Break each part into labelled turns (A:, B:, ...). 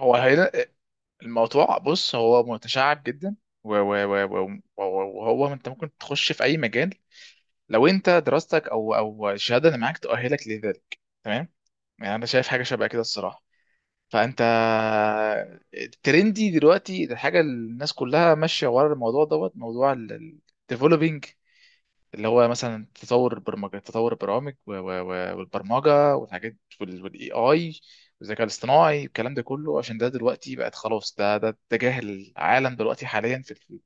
A: هو هنا الموضوع، بص هو متشعب جدا. و- و- و- و- وهو انت ممكن تخش في اي مجال لو انت دراستك او الشهاده اللي معاك تؤهلك لذلك، تمام؟ يعني انا شايف حاجه شبه كده الصراحه. فانت الترندي دلوقتي، الحاجه اللي الناس كلها ماشيه ورا الموضوع دوت موضوع الديفلوبينج، اللي هو مثلا تطور البرمجه، تطور البرامج والبرمجه والحاجات والاي اي والذكاء الاصطناعي والكلام ده كله. عشان ده دلوقتي بقت خلاص، ده اتجاه العالم دلوقتي حاليا في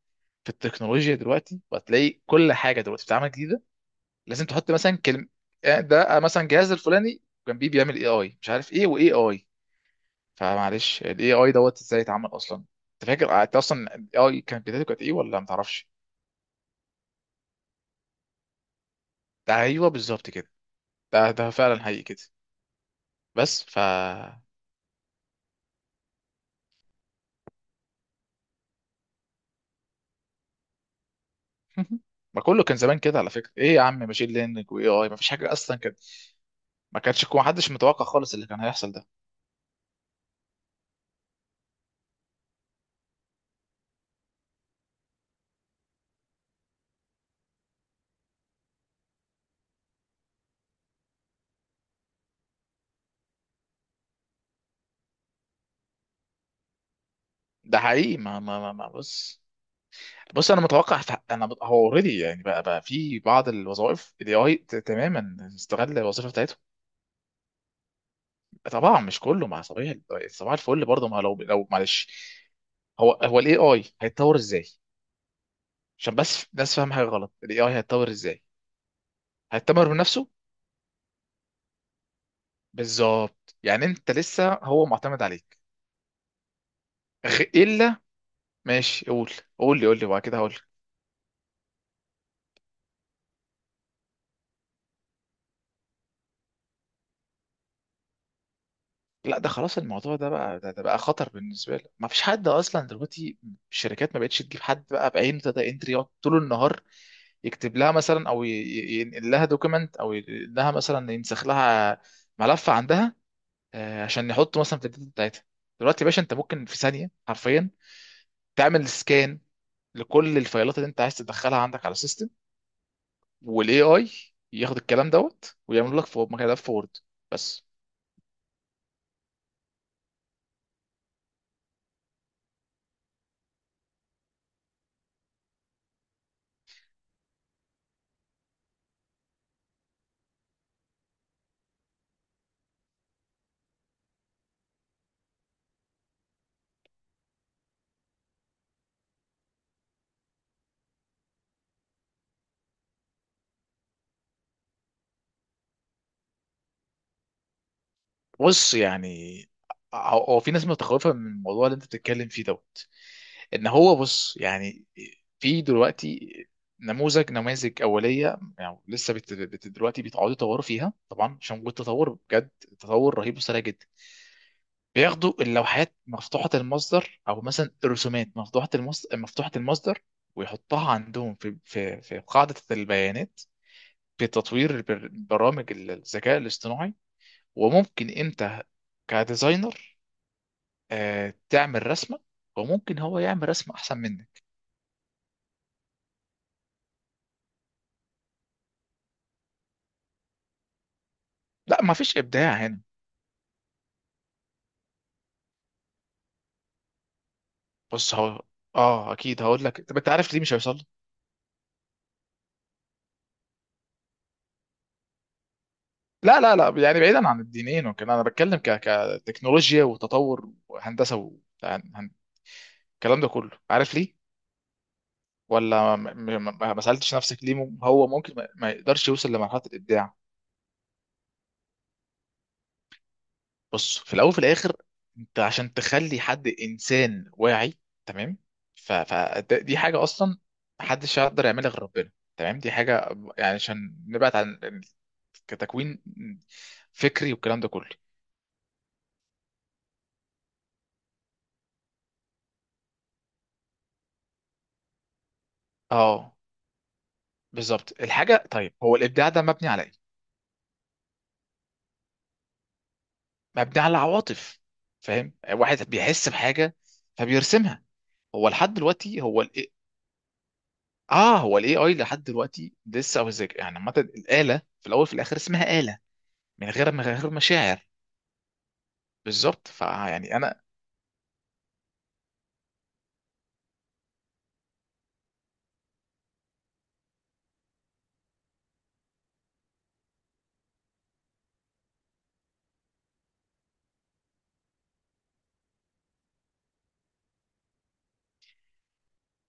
A: في التكنولوجيا دلوقتي. وهتلاقي كل حاجه دلوقتي بتتعمل جديده لازم تحط مثلا كلمه، ده مثلا جهاز الفلاني جنبيه بيعمل اي اي، مش عارف ايه واي اي. فمعلش، الاي اي دوت ازاي اتعمل اصلا؟ انت فاكر انت اصلا الاي اي كانت بدايته كانت ايه ولا ما تعرفش؟ ده ايوه بالظبط كده، ده فعلا حقيقي كده. بس ف، ما كله كان زمان كده على فكره، ايه يا عم ماشين ليرنينج واي اي، ما فيش حاجه اصلا كده. ما كانش، ما حدش متوقع خالص اللي كان هيحصل ده. ده حقيقي، ما ما ما, ما بص، بص انا متوقع في، هو اوريدي يعني بقى في بعض الوظائف الاي اي تماما استغل الوظيفه بتاعتهم. طبعا مش كله، مع صباح، صباح الفل برضه. ما لو معلش، هو الاي اي هيتطور ازاي؟ عشان بس الناس فاهم حاجه غلط، الاي اي هيتطور ازاي؟ هيتطور بنفسه. بالظبط، يعني انت لسه هو معتمد عليك. الا، ماشي قول. قول لي، قول لي وبعد كده هقول لك. لا، ده خلاص الموضوع ده بقى، ده بقى خطر بالنسبه لك، ما فيش حد اصلا دلوقتي. الشركات ما بقتش تجيب حد بقى بعينه داتا انتري يقعد طول النهار يكتب لها مثلا او ينقل لها دوكيمنت، او ينقل لها مثلا، ينسخ لها ملف عندها، عشان يحط مثلا في الداتا بتاعتها. دلوقتي يا باشا انت ممكن في ثانيه حرفيا تعمل سكان لكل الفايلات اللي انت عايز تدخلها عندك على السيستم، والاي اي ياخد الكلام دوت ويعمل لك في ملف وورد، بس. بص يعني، هو في ناس متخوفه من الموضوع اللي انت بتتكلم فيه دوت، ان هو بص يعني، في دلوقتي نموذج، نماذج اوليه يعني لسه دلوقتي بيتعودوا يطوروا فيها طبعا، عشان وجود تطور بجد، تطور رهيب وسريع جدا. بياخدوا اللوحات مفتوحه المصدر او مثلا الرسومات مفتوحه المصدر، ويحطها عندهم في قاعده البيانات، في تطوير برامج الذكاء الاصطناعي. وممكن انت كديزاينر، تعمل رسمه، وممكن هو يعمل رسمه احسن منك. لا، ما فيش ابداع هنا. بص هو، اه اكيد، هقول لك: طب انت عارف ليه مش هيوصل له؟ لا، يعني بعيدا عن الدينين وكده، انا بتكلم كتكنولوجيا وتطور وهندسه و... هن- هن- الكلام ده كله، عارف ليه؟ ولا ما سالتش نفسك ليه هو ممكن ما يقدرش يوصل لمرحله الابداع؟ بص، في الاول وفي الاخر، انت عشان تخلي حد انسان واعي، تمام، فدي حاجه اصلا محدش يقدر يعملها غير ربنا، تمام. دي حاجه، يعني عشان نبعد عن كتكوين فكري والكلام ده كله. اه بالظبط الحاجه. طيب هو الابداع ده مبني على ايه؟ مبني على عواطف، فاهم؟ واحد بيحس بحاجه فبيرسمها. هو لحد دلوقتي هو ال اه، هو الاي اي لحد دلوقتي لسه، او ازاي يعني؟ عامه الاله في الاول في الاخر اسمها اله، من غير مشاعر. بالظبط، فيعني انا،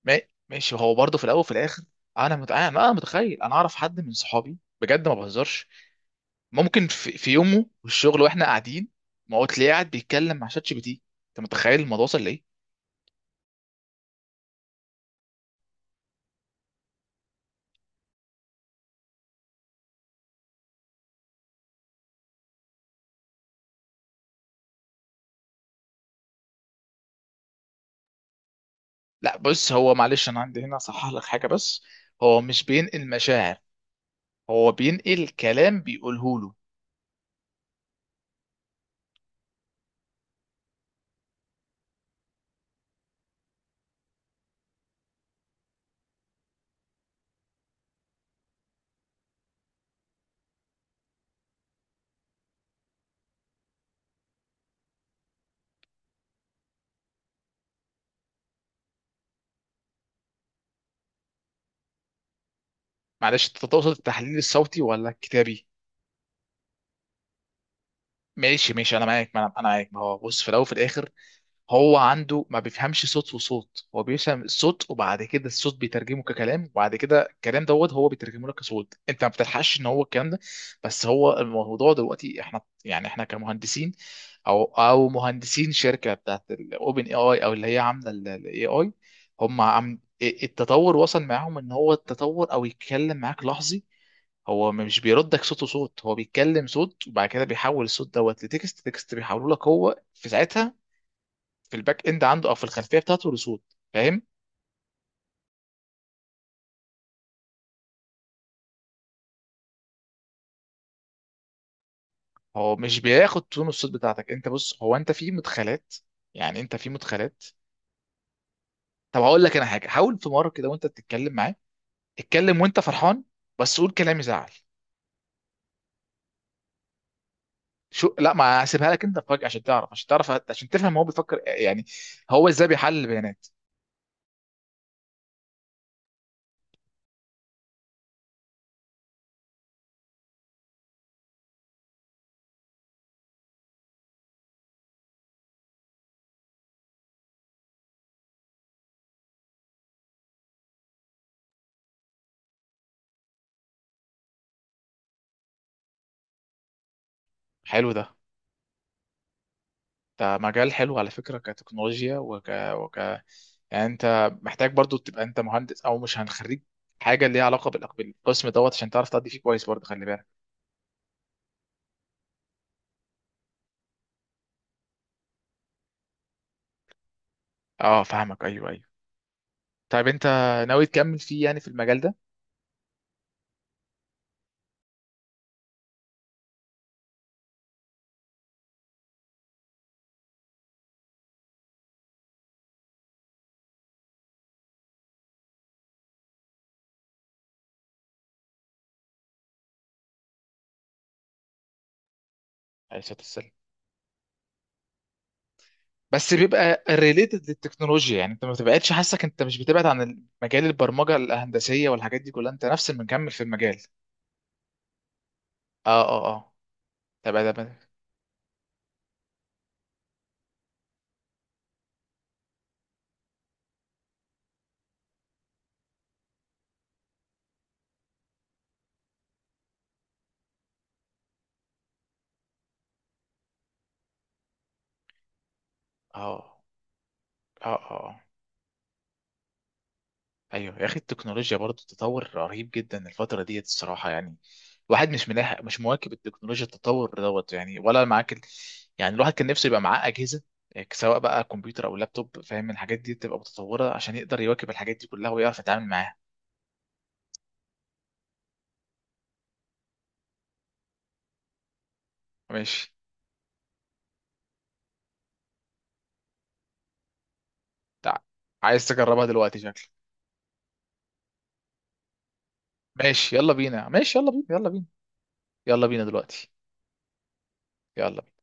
A: ما- ماشي، هو برضه في الاول وفي الاخر. انا مت... انا أنا متخيل، انا اعرف حد من صحابي بجد ما بهزرش، ممكن في يومه في الشغل واحنا قاعدين، ما هو تلاقيه قاعد بيتكلم مع شات جي بي تي. انت متخيل الموضوع وصل لايه؟ لا بص، هو معلش انا عندي هنا اصحح لك حاجه بس. هو مش بينقل مشاعر، هو بينقل كلام بيقوله له. معلش انت تقصد التحليل الصوتي ولا الكتابي؟ ماشي ماشي انا معاك، ما انا أنا معاك. ما هو بص، في الاول وفي الاخر، هو عنده ما بيفهمش صوت وصوت، هو بيفهم الصوت وبعد كده الصوت بيترجمه ككلام، وبعد كده الكلام دوت هو بيترجمه لك كصوت. انت ما بتلحقش ان هو الكلام ده، بس هو الموضوع دلوقتي، احنا يعني احنا كمهندسين او مهندسين شركه بتاعت الاوبن اي اي، او اللي هي عامله الاي اي، هم عم التطور وصل معاهم ان هو التطور او يتكلم معاك لحظي. هو مش بيردك صوت وصوت، هو بيتكلم صوت وبعد كده بيحول الصوت دوت لتكست، تكست بيحوله لك هو في ساعتها في الباك اند عنده، او في الخلفيه بتاعته لصوت. فاهم؟ هو مش بياخد تون الصوت بتاعتك انت، بص هو، انت في مدخلات، يعني انت في مدخلات. طب هقول لك انا حاجه، حاول في مره كده وانت بتتكلم معاه اتكلم وانت فرحان، بس قول كلام يزعل. شو لا، ما هسيبها لك انت فجأة عشان تعرف، عشان تعرف، عشان تفهم هو بيفكر يعني، هو ازاي بيحلل البيانات. حلو ده، ده مجال حلو على فكره كتكنولوجيا وك، يعني انت محتاج برضو تبقى انت مهندس، او مش هنخرج، حاجه ليها علاقه بالقسم دوت عشان تعرف تأدي فيه كويس برضه، خلي بالك. اه فاهمك، ايوه ايوه. طيب انت ناوي تكمل فيه يعني، في المجال ده؟ عليه الصلاه والسلام. بس بيبقى ريليتد للتكنولوجيا يعني، انت ما بتبعدش، حاسك انت مش بتبعد عن مجال البرمجه الهندسيه والحاجات دي كلها، انت نفس المكمل في المجال. اه، طب ده، اه اه اه، ايوه يا اخي التكنولوجيا برضه تطور رهيب جدا الفتره ديت الصراحه، يعني الواحد مش ملاحق، مش مواكب التكنولوجيا، التطور دوت يعني، ولا معاك يعني الواحد كان نفسه يبقى معاه اجهزه، يعني سواء بقى كمبيوتر او لابتوب فاهم، الحاجات دي تبقى متطوره عشان يقدر يواكب الحاجات دي كلها ويعرف يتعامل معاها. ماشي، تع... عايز تجربها دلوقتي شكلك. ماشي يلا بينا، يلا بينا. يلا بينا دلوقتي، يلا بينا.